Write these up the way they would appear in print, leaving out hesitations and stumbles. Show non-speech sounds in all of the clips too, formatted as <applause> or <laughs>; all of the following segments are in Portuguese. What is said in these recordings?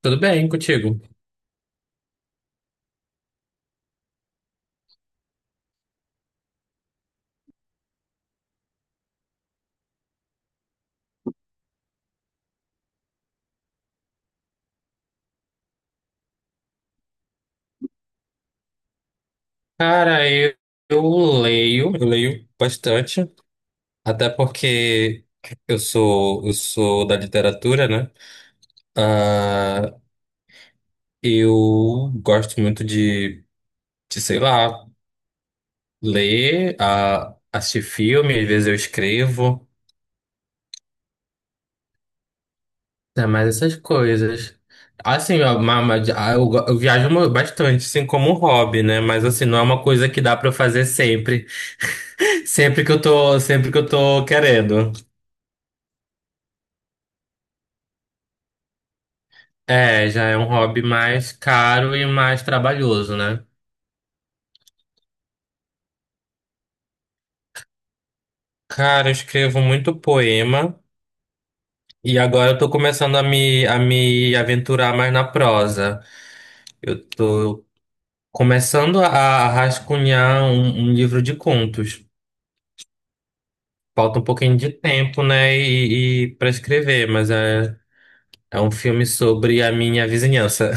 Tudo bem contigo? Cara, eu leio, eu leio bastante, até porque eu sou da literatura, né? Ah, eu gosto muito sei lá, ler, assistir filme, às vezes eu escrevo, né? Mas essas coisas. Assim, ó, eu bastante, assim, como um hobby, né? Mas assim, não é uma coisa que dá pra eu fazer sempre, <laughs> sempre que eu tô querendo. É, já é um hobby mais caro e mais trabalhoso, né? Cara, eu escrevo muito poema e agora eu tô começando a me aventurar mais na prosa. Eu tô começando a rascunhar um livro de contos. Falta um pouquinho de tempo, né, e para escrever, mas é, é um filme sobre a minha vizinhança.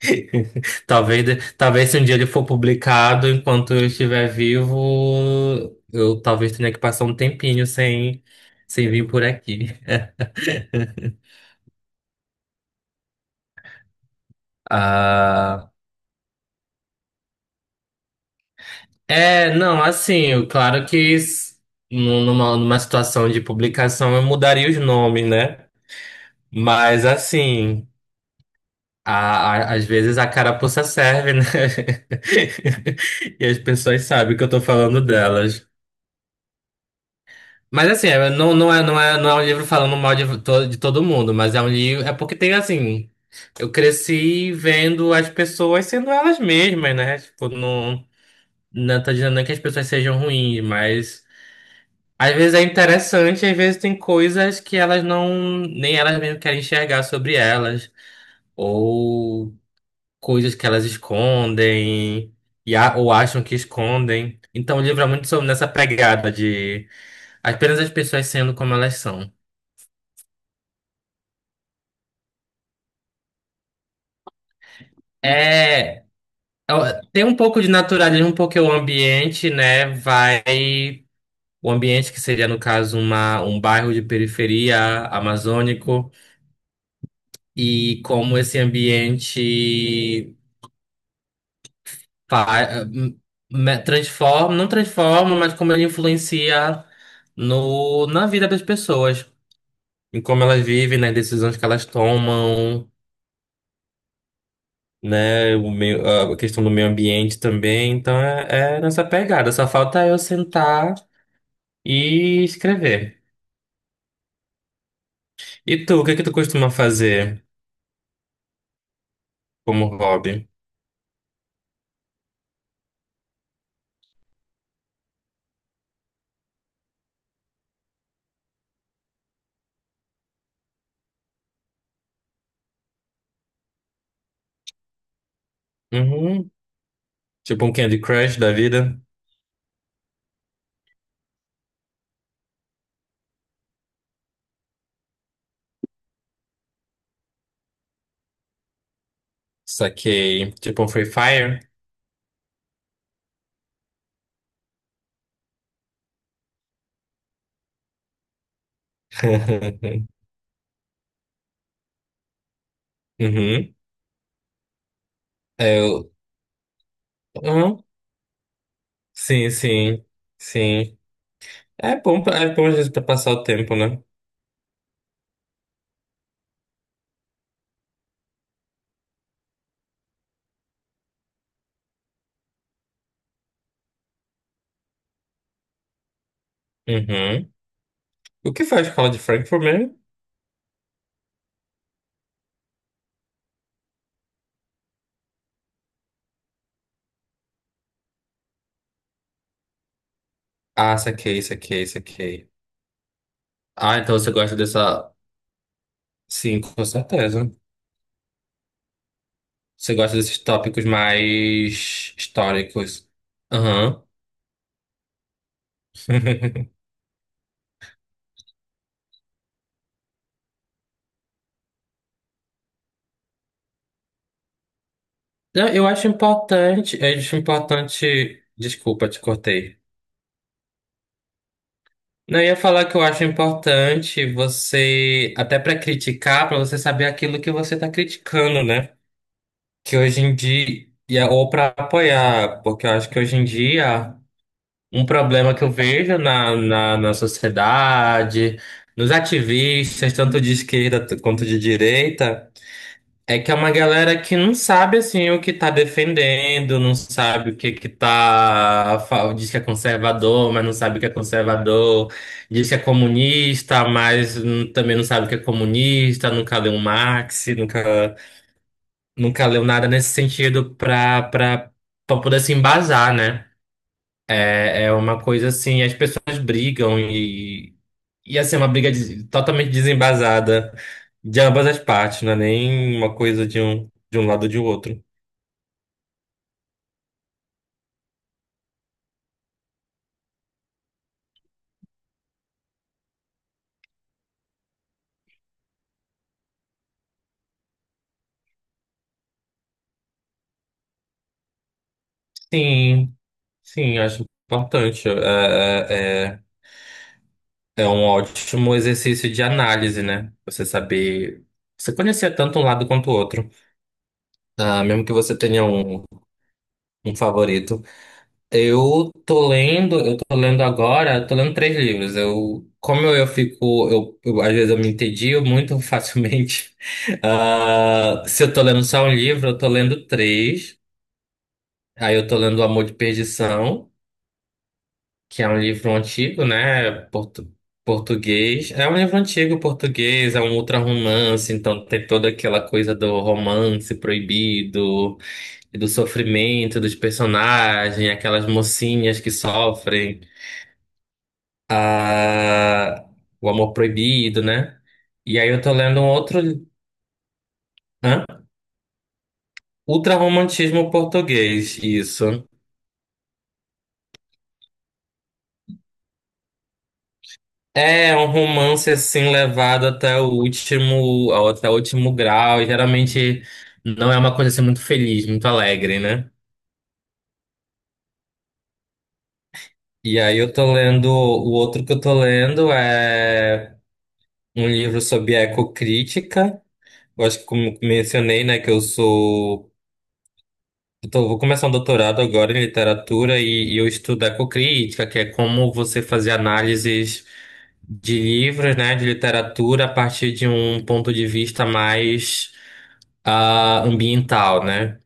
<laughs> Talvez se um dia ele for publicado, enquanto eu estiver vivo, eu talvez tenha que passar um tempinho sem, sem vir por aqui. <laughs> Ah, não, assim, eu- claro que s- nu- numa, numa situação de publicação eu mudaria os nomes, né? Mas assim, a, às vezes a carapuça serve, né? <laughs> E as pessoas sabem que eu tô falando delas. Mas assim, é, não é um livro falando mal de todo mundo, mas é um livro. É porque tem assim. Eu cresci vendo as pessoas sendo elas mesmas, né? Tipo, não, não tô dizendo nem que as pessoas sejam ruins, mas às vezes é interessante, às vezes tem coisas que elas não, nem elas mesmas querem enxergar sobre elas, ou coisas que elas escondem, ou acham que escondem. Então o livro é muito sobre nessa pegada de apenas as pessoas sendo como elas são. É, ó, tem um pouco de naturalismo porque o ambiente, né, vai, o ambiente que seria no caso um bairro de periferia amazônico e como esse ambiente fa- hum, não transforma, mas como ele influencia no, na vida das pessoas, em como elas vivem, nas decisões que elas tomam. Né, o meio, a questão do meio ambiente também, então é, é nessa pegada. Só falta eu sentar e escrever. E tu, o que é que tu costuma fazer como hobby? Uhum. Tipo um Candy Crush da vida? Saquei. Tipo um Free Fire? <laughs> Uhum. É, eu... Uhum. Sim, sim. Sim. É bom, pra- é bom às vezes pra passar o tempo, né? Uhum. O que faz escola de Frankfurt mesmo? Ah, saquei, saquei, saquei. Ah, então você gosta dessa... Sim, com certeza. Você gosta desses tópicos mais históricos. Aham. <laughs> Não, eu acho importante, eu acho importante. Desculpa, te cortei. Não, eu ia falar que eu acho importante você, até pra criticar, pra você saber aquilo que você tá criticando, né? Que hoje em dia, ou pra apoiar, porque eu acho que hoje em dia, um problema que eu vejo na sociedade, nos ativistas, tanto de esquerda t- quanto de direita, é que é uma galera que não sabe assim o que tá defendendo, não sabe o que que tá, fa- diz que é conservador, mas não sabe o que é conservador, diz que é comunista, mas também não sabe o que é comunista, nunca leu Marx, nunca leu nada nesse sentido pra para para poder se embasar, né? É, é uma coisa assim, as pessoas brigam e assim é uma totalmente desembasada de ambas as partes, não é nem uma coisa de um lado ou de outro. Sim, sim, acho importante. É um ótimo exercício de análise, né? Você conhecer tanto um lado quanto o outro. Ah, mesmo que você tenha um, um favorito. Eu tô lendo agora, tô lendo três livros. Eu, como eu fico, eu- às vezes eu me entedio muito <laughs> facilmente. Ah, se eu tô lendo só um livro, eu tô lendo três. Aí eu tô lendo O Amor de Perdição, que é um livro antigo, né? Português. É um livro antigo português, é um ultra-romance, então tem toda aquela coisa do romance proibido e do sofrimento dos personagens, aquelas mocinhas que sofrem, ah, o amor proibido, né? E aí eu tô lendo um outro. Hã? Ultra-romantismo português, isso. É um romance assim levado até o último grau. E geralmente não é uma coisa assim muito feliz, muito alegre, né? E aí eu tô lendo, o outro que eu tô lendo é um livro sobre ecocrítica. Eu acho que como mencionei, né, que eu sou, vou começar um doutorado agora em literatura e eu estudo ecocrítica, que é como você fazer análises de livros, né, de literatura a partir de um ponto de vista mais ambiental, né?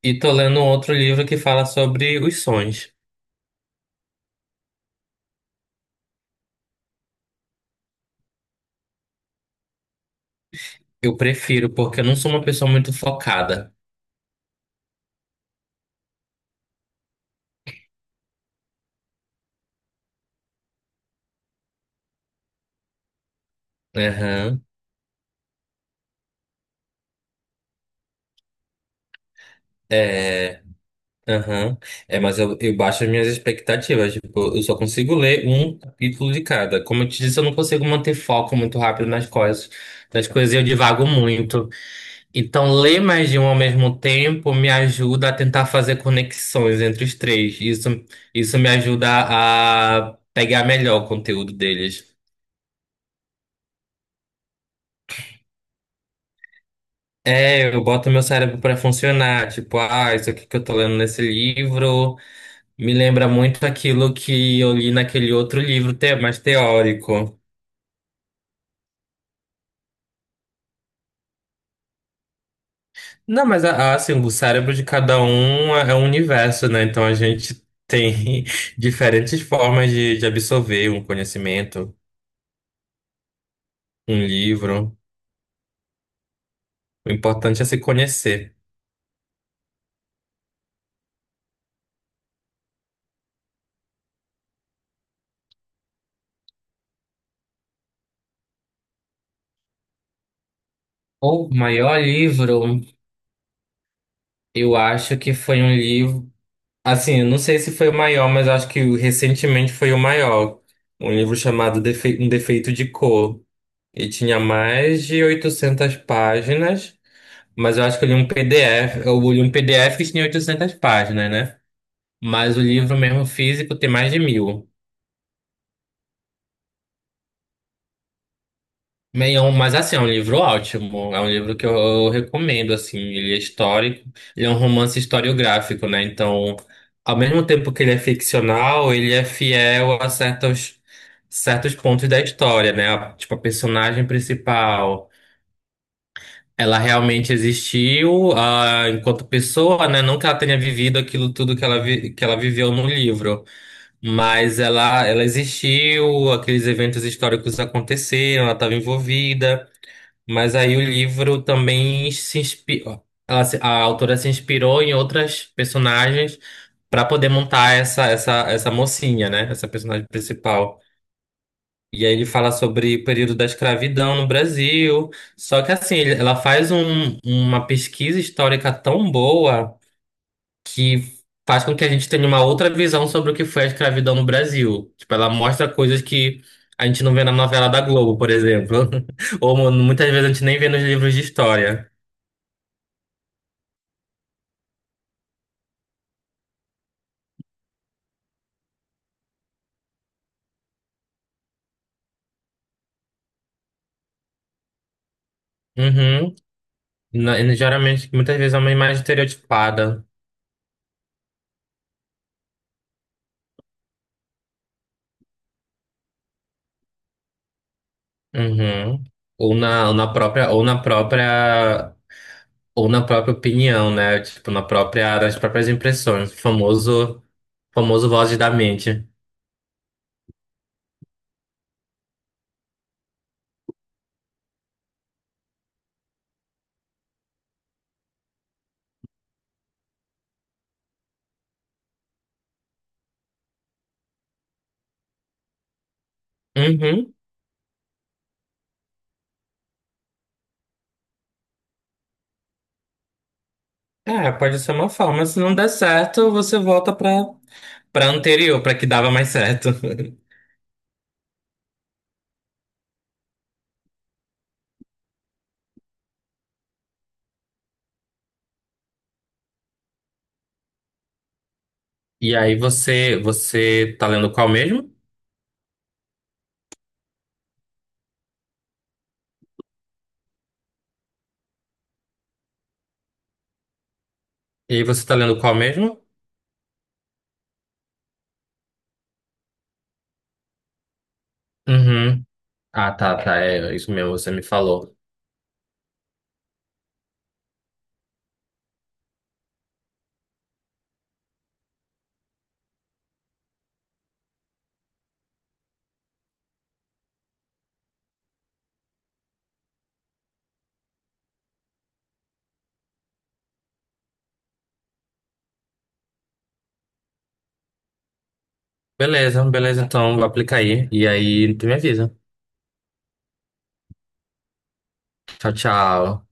E tô lendo um outro livro que fala sobre os sonhos. Eu prefiro, porque eu não sou uma pessoa muito focada. Aham. É. Aham. É, mas eu baixo as minhas expectativas. Tipo, eu só consigo ler um capítulo de cada. Como eu te disse, eu não consigo manter foco muito rápido nas coisas. Nas coisas e eu divago muito. Então, ler mais de um ao mesmo tempo me ajuda a tentar fazer conexões entre os três. Isso, isso me ajuda a pegar melhor o conteúdo deles. É, eu boto meu cérebro para funcionar. Tipo, ah, isso aqui que eu tô lendo nesse livro me lembra muito aquilo que eu li naquele mais teórico. Não, mas assim, o cérebro de cada um é um universo, né? Então a gente tem <laughs> diferentes formas de absorver um conhecimento, um livro. O importante é se conhecer. O maior livro, eu acho que foi um livro. Assim, eu não sei se foi o maior, mas eu acho que recentemente foi o maior. Um livro chamado Um Defeito de Cor. E tinha mais de 800 páginas, mas eu acho que eu li um PDF. Eu li um PDF que tinha 800 páginas, né? Mas o livro mesmo físico tem mais de mil. Meio, mas assim, é um livro ótimo. É um livro que eu recomendo, assim. Ele é histórico. Ele é um romance historiográfico, né? Então, ao mesmo tempo que ele é ficcional, ele é fiel a certos, certos pontos da história, né? A- Tipo, a personagem principal, ela realmente existiu, enquanto pessoa, né? Não que ela tenha vivido aquilo tudo que que ela viveu no livro. Mas ela existiu, aqueles eventos históricos aconteceram, ela estava envolvida. Mas aí o livro também se inspirou. Ela, se- A autora se inspirou em outras personagens para poder montar essa mocinha, né? Essa personagem principal. E aí ele fala sobre o período da escravidão no Brasil. Só que assim, ela faz uma pesquisa histórica tão boa que faz com que a gente tenha uma outra visão sobre o que foi a escravidão no Brasil. Tipo, ela mostra coisas que a gente não vê na novela da Globo, por exemplo. <laughs> Ou muitas vezes a gente nem vê nos livros de história. Uhum. Na- e geralmente, muitas vezes é uma imagem estereotipada. Uhum. Ou na, ou na própria, ou na própria, ou na própria opinião, né? Tipo, na própria, nas próprias impressões. Famoso vozes da mente. Uhum. É, pode ser uma forma. Se não der certo, você volta pra pra anterior, pra que dava mais certo. <laughs> E aí você tá lendo qual mesmo? E aí você tá lendo qual mesmo? Uhum. Ah, tá, tá. É isso mesmo, você me falou. Beleza, beleza, então aplica aí. E aí tu me avisa. Tchau, tchau.